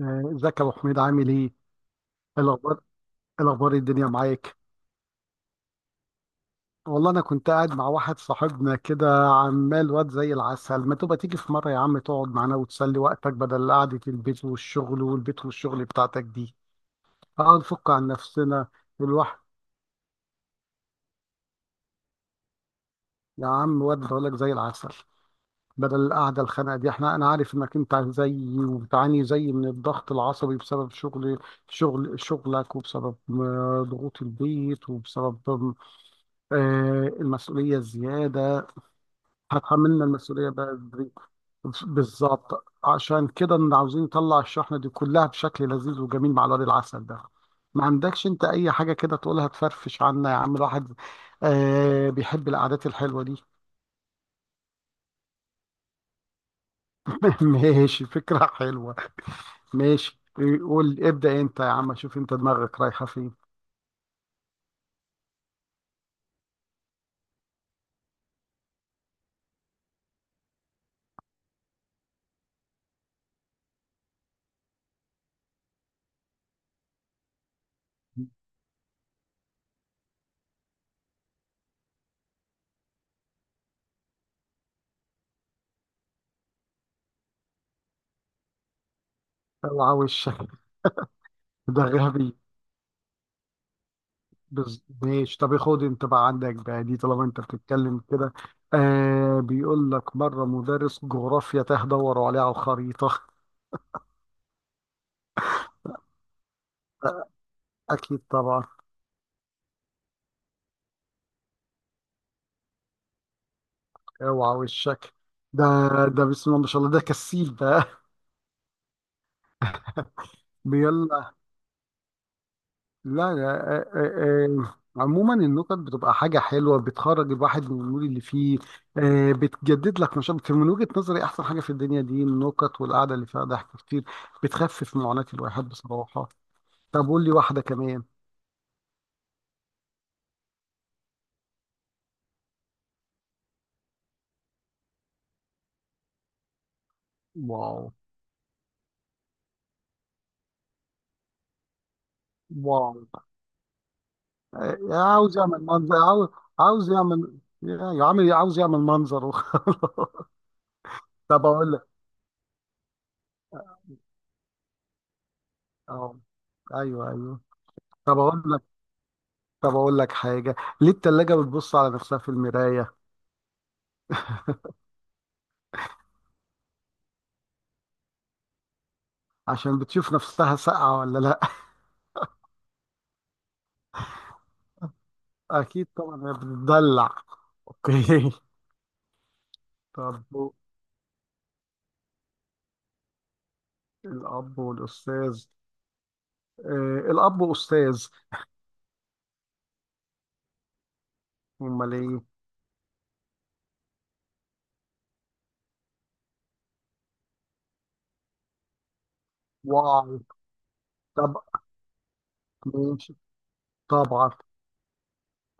ازيك يا ابو حميد عامل ايه؟ الاخبار إيه الاخبار إيه الدنيا معاك. والله انا كنت قاعد مع واحد صاحبنا كده، عمال واد زي العسل. ما تبقى تيجي في مره يا عم تقعد معانا وتسلي وقتك بدل قعده البيت والشغل والبيت والشغل بتاعتك دي. اه، نفك عن نفسنا الواحد. يا عم، واد بقولك زي العسل. بدل القعده الخانقه دي، انا عارف انك انت زيي وبتعاني زيي من الضغط العصبي بسبب شغلك وبسبب ضغوط البيت، وبسبب المسؤولية زيادة. هتحملنا المسؤولية بدري. بالظبط، عشان كده إن عاوزين نطلع الشحنة دي كلها بشكل لذيذ وجميل مع الواد العسل ده. ما عندكش انت اي حاجة كده تقولها تفرفش عنا يا عم الواحد؟ آه بيحب القعدات الحلوة دي. ماشي، فكرة حلوة. ماشي، قول ابدأ انت يا عم، شوف انت دماغك رايحة فين. اوعى وشك، ده غبي. ماشي، طب خد انت بقى عندك بقى دي طالما انت بتتكلم كده. آه، بيقول لك مره مدرس جغرافيا تاه، دوروا عليه على الخريطه. اكيد طبعا. اوعى وشك. ده، ده بسم الله ما شاء الله، ده كسيل بقى. بيلا. لا، لا. آه، آه. آه. عموما النكت بتبقى حاجة حلوة، بتخرج الواحد من المود اللي فيه. بتجدد لك نشاط. من وجهة نظري أحسن حاجة في الدنيا دي النكت والقعدة اللي فيها ضحك كتير، بتخفف معاناة الواحد بصراحة. طب قول لي واحدة كمان. واو. واو. عاوز يعمل منظر. عاوز عاوز يعمل يا عم عاوز يعمل منظر وخلاص. طب اقول لك. اه، ايوه ايوه. طب اقول لك طب اقول لك حاجه. ليه التلاجه بتبص على نفسها في المرايه؟ عشان بتشوف نفسها ساقعه ولا لا. اكيد طبعا، هي بتدلع. اوكي. طب، الاب والاستاذ. آه، الاب استاذ. امال ايه؟ واو. طب ماشي، طبعا.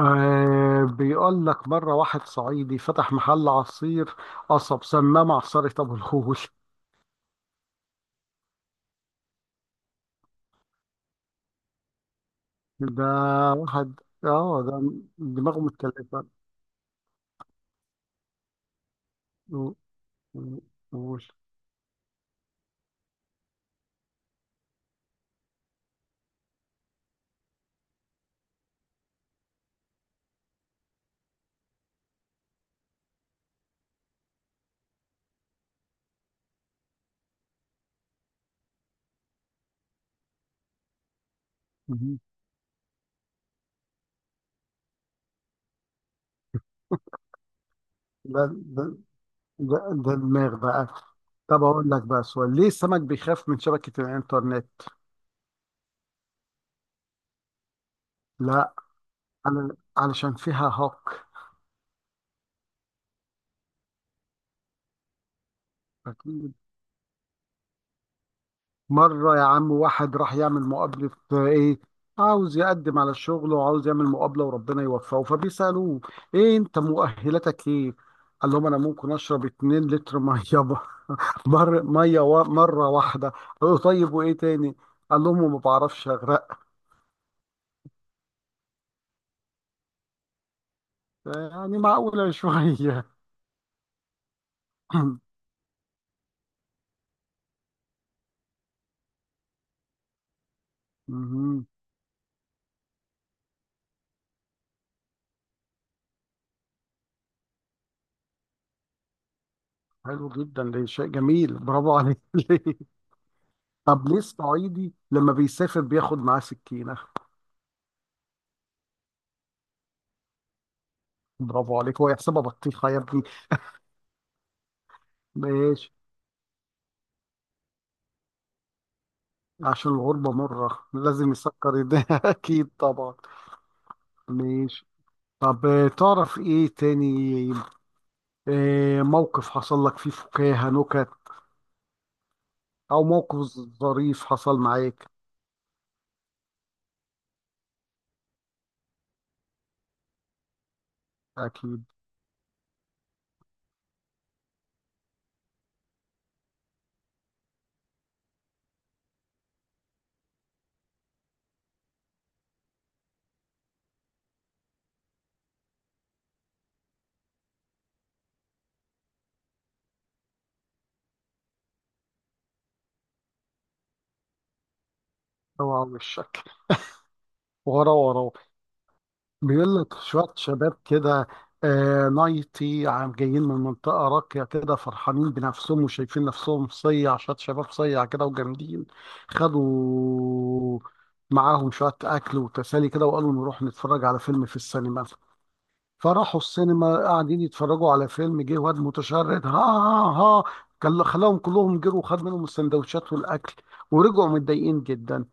آه، بيقول لك مرة واحد صعيدي فتح محل عصير قصب، سماه معصرة أبو الهول. ده واحد اه، ده دماغه متكلفة. و- و- وقول. مهم. ده ده ده ده دماغ بقى. طب أقول لك بقى سؤال: ليه السمك بيخاف من شبكة الإنترنت؟ لا، علشان فيها هاك. مرة يا عم واحد راح يعمل مقابلة، إيه، عاوز يقدم على الشغل وعاوز يعمل مقابلة وربنا يوفقه، فبيسألوه: إيه أنت مؤهلاتك إيه؟ قال لهم: أنا ممكن أشرب 2 لتر مية. مرة واحدة. قالوا: طيب وإيه تاني؟ قال لهم: ما بعرفش أغرق. يعني معقولة شوية. مهم. حلو جدا، ده شيء جميل، برافو عليك. طب ليه الصعيدي لما بيسافر بياخد معاه سكينة؟ برافو عليك، هو يحسبها بطيخة يا ابني. ماشي. عشان الغربة مرة لازم يسكر ايديها. أكيد طبعا. ماشي. طب تعرف إيه تاني؟ موقف حصل لك فيه فكاهة، نكت، أو موقف ظريف حصل معاك. أكيد. اوعى وشك. ورا ورا. بيقول لك شوية شباب كده آه نايتي عم، جايين من منطقة راقية كده فرحانين بنفسهم وشايفين نفسهم صيع، شوية شباب صيع كده وجامدين. خدوا معاهم شوية أكل وتسالي كده، وقالوا نروح نتفرج على فيلم في السينما. فراحوا السينما قاعدين يتفرجوا على فيلم، جه واد متشرد ها ها ها، خلاهم كلهم جروا وخد منهم السندوتشات والأكل. ورجعوا متضايقين جدا.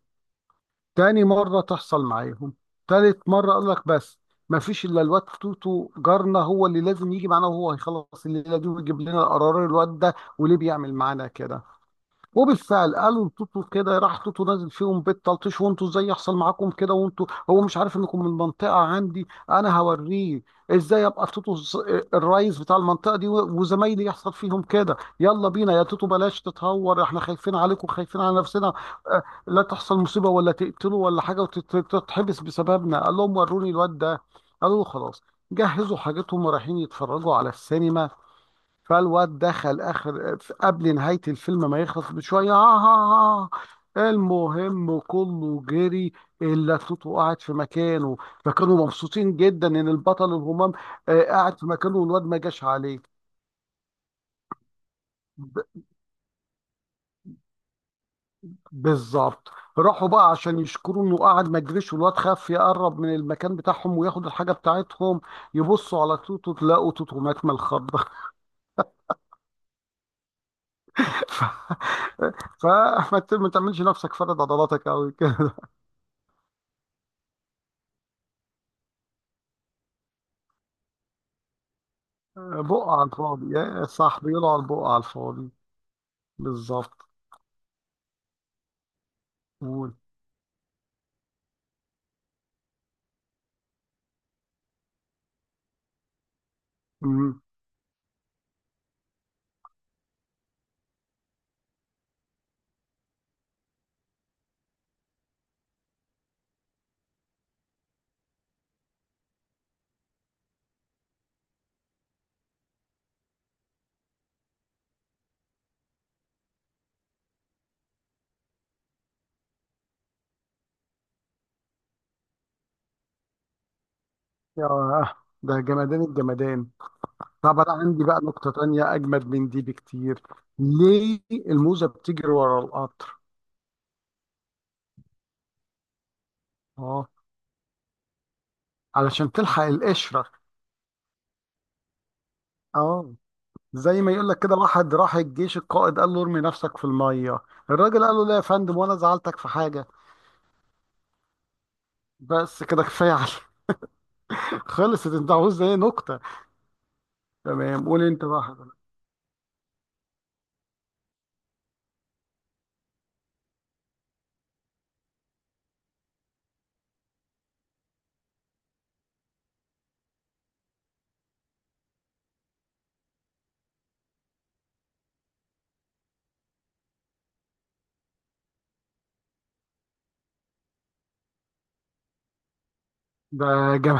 تاني مرة تحصل معاهم، تالت مرة قال لك بس، ما فيش إلا الواد توتو جارنا هو اللي لازم يجي معانا، وهو هيخلص الليلة دي ويجيب لنا قرار الواد ده وليه بيعمل معانا كده. وبالفعل قالوا لتوتو كده، راح توتو نازل فيهم بيت تلطيش: وانتوا ازاي يحصل معاكم كده وانتوا، هو مش عارف انكم من المنطقه عندي، انا هوريه ازاي، ابقى في توتو الرئيس بتاع المنطقه دي وزمايلي يحصل فيهم كده. يلا بينا يا توتو، بلاش تتهور، احنا خايفين عليكم خايفين على نفسنا اه، لا تحصل مصيبه ولا تقتلوا ولا حاجه وتتحبس بسببنا. قال لهم: وروني الواد ده. قالوا له: خلاص. جهزوا حاجتهم ورايحين يتفرجوا على السينما. فالواد دخل اخر قبل نهايه الفيلم ما يخلص بشويه. المهم كله جري، الا توتو قاعد في مكانه. فكانوا مبسوطين جدا ان البطل الهمام قاعد في مكانه والواد ما جاش عليه. ب- بالظبط. راحوا بقى عشان يشكروا انه قاعد ما جريش والواد خاف يقرب من المكان بتاعهم وياخد الحاجه بتاعتهم. يبصوا على توتو، تلاقوا توتو مات من الخضه. ما تعملش نفسك فرد عضلاتك قوي كده. بقى على الفاضي، يا صح، بيقولوا على البقى على الفاضي. بالظبط. قول. مم. يا ده جمدان الجمدان. طب انا عندي بقى نقطة تانية اجمد من دي بكتير. ليه الموزة بتجري ورا القطر؟ اه، علشان تلحق القشرة. اه، زي ما يقول لك كده واحد راح الجيش، القائد قال له ارمي نفسك في المية. الراجل قال له: لا يا فندم، وانا زعلتك في حاجة؟ بس كده كفاية عليك. خلصت؟ انت عاوز ايه نقطة؟ تمام، قول انت بقى حضرتك. ده جم...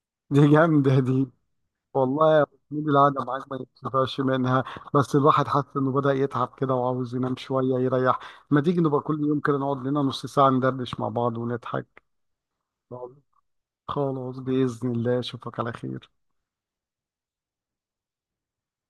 دي جامدة دي. والله يا محمود القعدة معاك ما ينفعش منها، بس الواحد حاسس انه بدأ يتعب كده وعاوز ينام شوية يريح. ما تيجي نبقى كل يوم كده نقعد لنا نص ساعة ندردش مع بعض ونضحك. خلاص، بإذن الله أشوفك على خير.